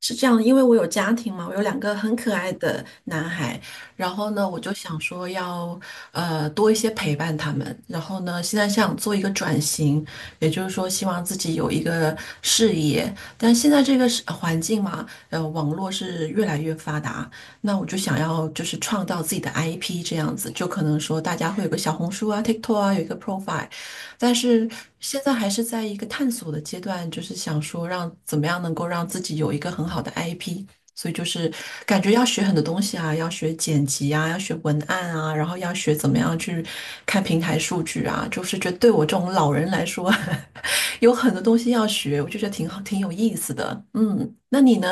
是这样的，因为我有家庭嘛，我有两个很可爱的男孩，然后呢，我就想说要多一些陪伴他们，然后呢，现在想做一个转型，也就是说希望自己有一个事业，但现在这个是环境嘛，网络是越来越发达，那我就想要就是创造自己的 IP 这样子，就可能说大家会有个小红书啊、TikTok 啊，有一个 profile，但是现在还是在一个探索的阶段，就是想说让怎么样能够让自己有一个很好的 IP，所以就是感觉要学很多东西啊，要学剪辑啊，要学文案啊，然后要学怎么样去看平台数据啊，就是觉得对我这种老人来说，有很多东西要学，我就觉得挺好，挺有意思的。嗯，那你呢？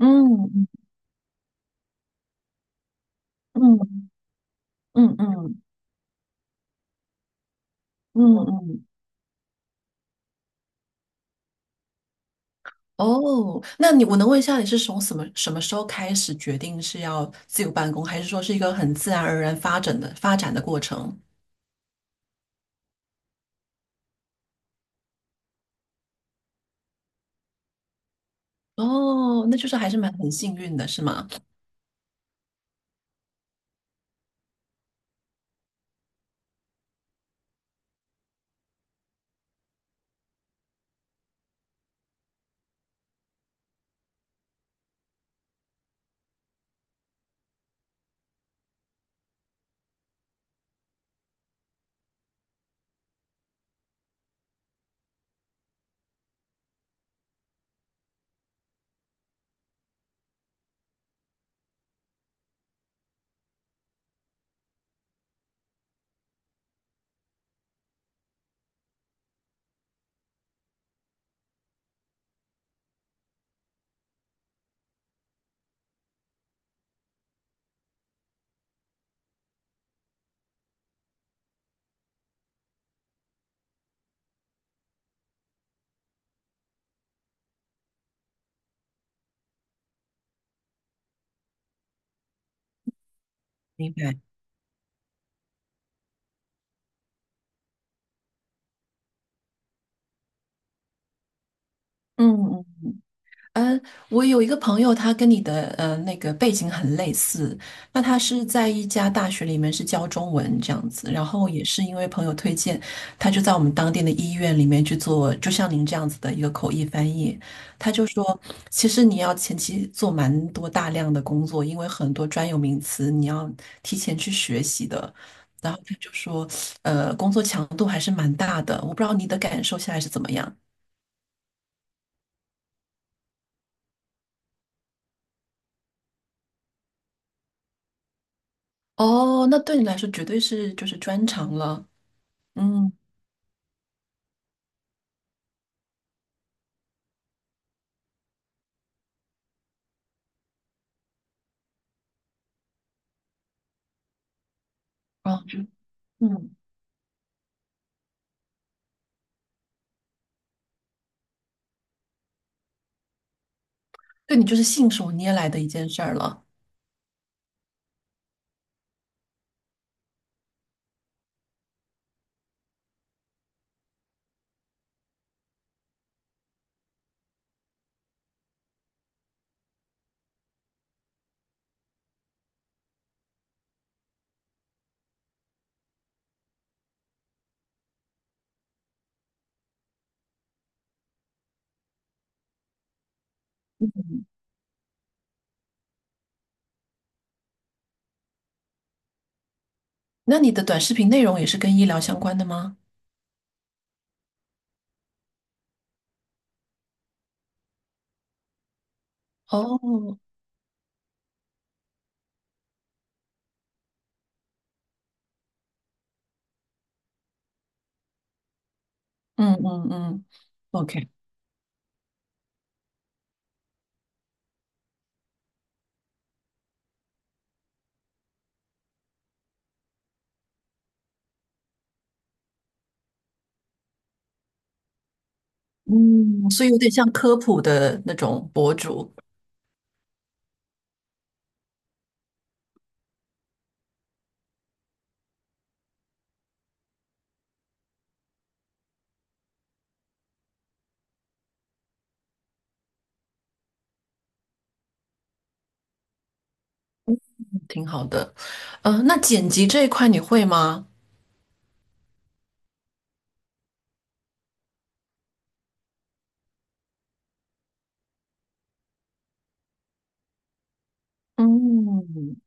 嗯嗯嗯嗯嗯嗯嗯。哦，那你我能问一下，你是从什么时候开始决定是要自由办公，还是说是一个很自然而然发展的过程？哦，那就是还是蛮很幸运的，是吗？明白。嗯嗯。嗯，我有一个朋友，他跟你的那个背景很类似，那他是在一家大学里面是教中文这样子，然后也是因为朋友推荐，他就在我们当地的医院里面去做，就像您这样子的一个口译翻译。他就说，其实你要前期做蛮多大量的工作，因为很多专有名词你要提前去学习的。然后他就说，工作强度还是蛮大的，我不知道你的感受现在是怎么样。哦，那对你来说绝对是就是专长了，嗯，啊，就嗯，对你就是信手拈来的一件事儿了，嗯，那你的短视频内容也是跟医疗相关的吗？哦，嗯嗯嗯，OK，嗯，所以有点像科普的那种博主，挺好的，嗯、那剪辑这一块你会吗？嗯，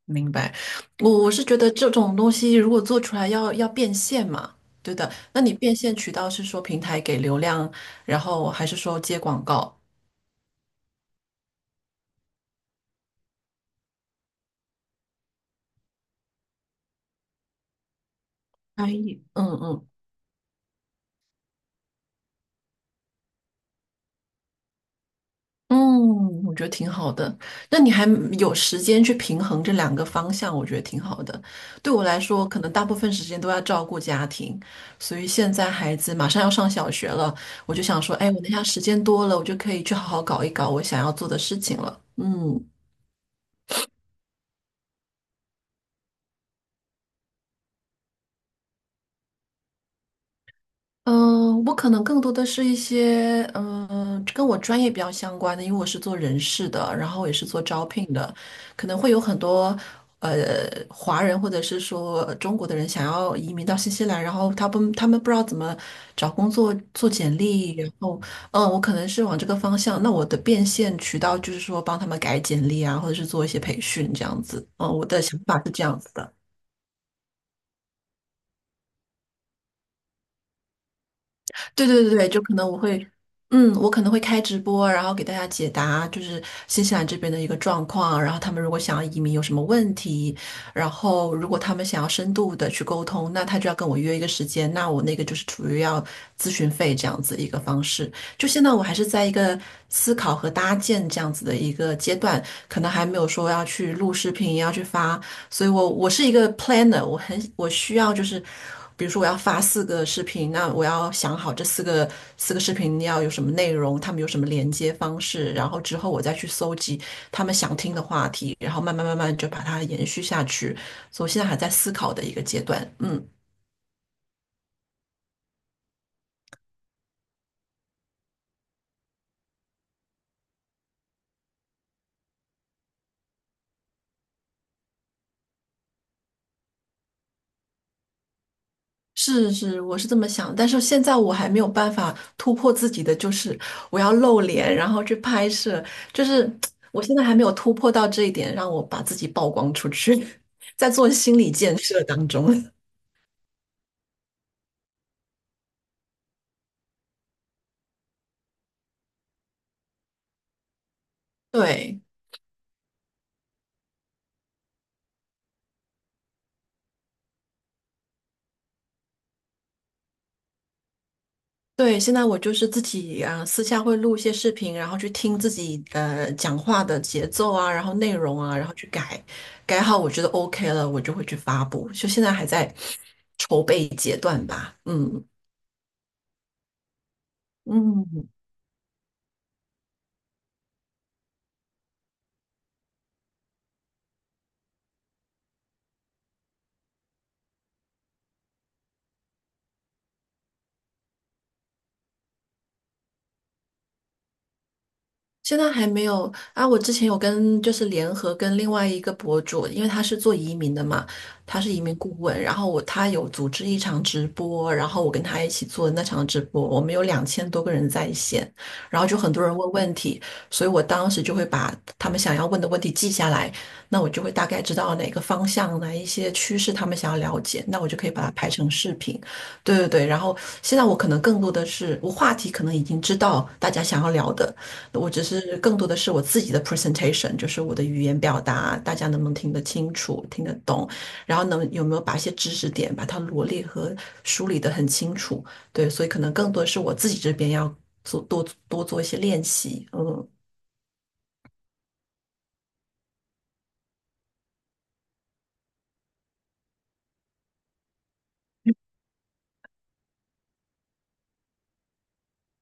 明白。我是觉得这种东西如果做出来要变现嘛，对的。那你变现渠道是说平台给流量，然后还是说接广告？哎，嗯嗯嗯，我觉得挺好的。那你还有时间去平衡这两个方向，我觉得挺好的。对我来说，可能大部分时间都要照顾家庭，所以现在孩子马上要上小学了，我就想说，哎，我那下时间多了，我就可以去好好搞一搞我想要做的事情了。嗯。嗯，我可能更多的是一些跟我专业比较相关的，因为我是做人事的，然后也是做招聘的，可能会有很多呃华人或者是说中国的人想要移民到新西兰，然后他们不知道怎么找工作、做简历，然后我可能是往这个方向。那我的变现渠道就是说帮他们改简历啊，或者是做一些培训这样子。嗯，我的想法是这样子的。对对对对，就可能我会，嗯，我可能会开直播，然后给大家解答就是新西兰这边的一个状况，然后他们如果想要移民有什么问题，然后如果他们想要深度的去沟通，那他就要跟我约一个时间，那我那个就是处于要咨询费这样子一个方式。就现在我还是在一个思考和搭建这样子的一个阶段，可能还没有说要去录视频，要去发所以我是一个 planner，我需要就是，比如说我要发四个视频，那我要想好这四个视频要有什么内容，他们有什么连接方式，然后之后我再去搜集他们想听的话题，然后慢慢慢慢就把它延续下去。所以我现在还在思考的一个阶段，嗯。是是，我是这么想，但是现在我还没有办法突破自己的，就是我要露脸，然后去拍摄，就是我现在还没有突破到这一点，让我把自己曝光出去，在做心理建设当中。对对，现在我就是自己啊，私下会录一些视频，然后去听自己讲话的节奏啊，然后内容啊，然后去改，改好我觉得 OK 了，我就会去发布。就现在还在筹备阶段吧，嗯。嗯，现在还没有啊，我之前有跟就是联合跟另外一个博主，因为他是做移民的嘛，他是移民顾问，然后他有组织一场直播，然后我跟他一起做那场直播，我们有两千多个人在线，然后就很多人问问题，所以我当时就会把他们想要问的问题记下来，那我就会大概知道哪个方向哪一些趋势他们想要了解，那我就可以把它拍成视频。对对对，然后现在我可能更多的是，我话题可能已经知道大家想要聊的。我只是更多的是我自己的 presentation，就是我的语言表达，大家能不能听得清楚、听得懂，然后有没有把一些知识点把它罗列和梳理得很清楚。对，所以可能更多是我自己这边要多多做一些练习。嗯，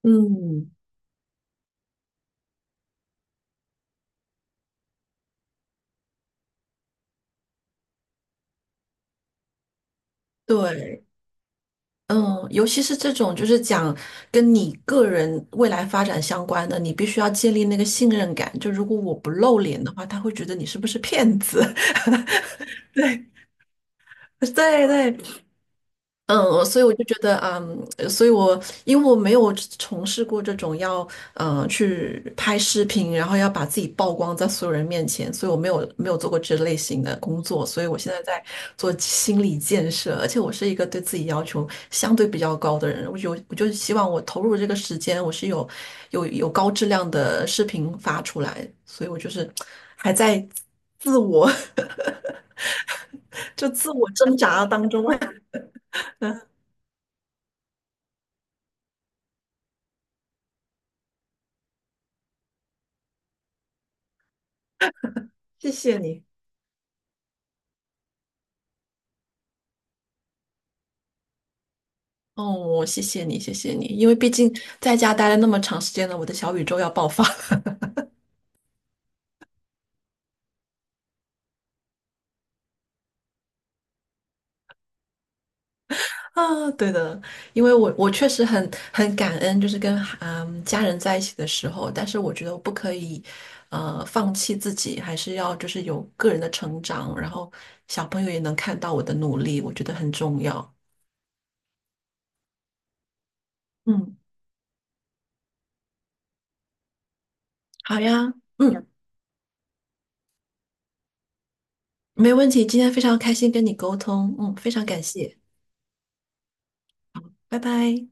嗯，对，嗯，尤其是这种就是讲跟你个人未来发展相关的，你必须要建立那个信任感。就如果我不露脸的话，他会觉得你是不是骗子。对对对，嗯，所以我就觉得，嗯，所以我因为我没有从事过这种要，去拍视频，然后要把自己曝光在所有人面前，所以我没有做过这类型的工作，所以我现在在做心理建设，而且我是一个对自己要求相对比较高的人，我就希望我投入这个时间，我是有高质量的视频发出来，所以我就是还在自我 就自我挣扎当中，谢谢你。哦，谢谢你，谢谢你，因为毕竟在家待了那么长时间了，我的小宇宙要爆发 啊！对的，因为我确实很感恩，就是跟家人在一起的时候，但是我觉得我不可以放弃自己，还是要就是有个人的成长，然后小朋友也能看到我的努力，我觉得很重要。嗯，好呀，嗯，没问题，今天非常开心跟你沟通，嗯，非常感谢，拜拜。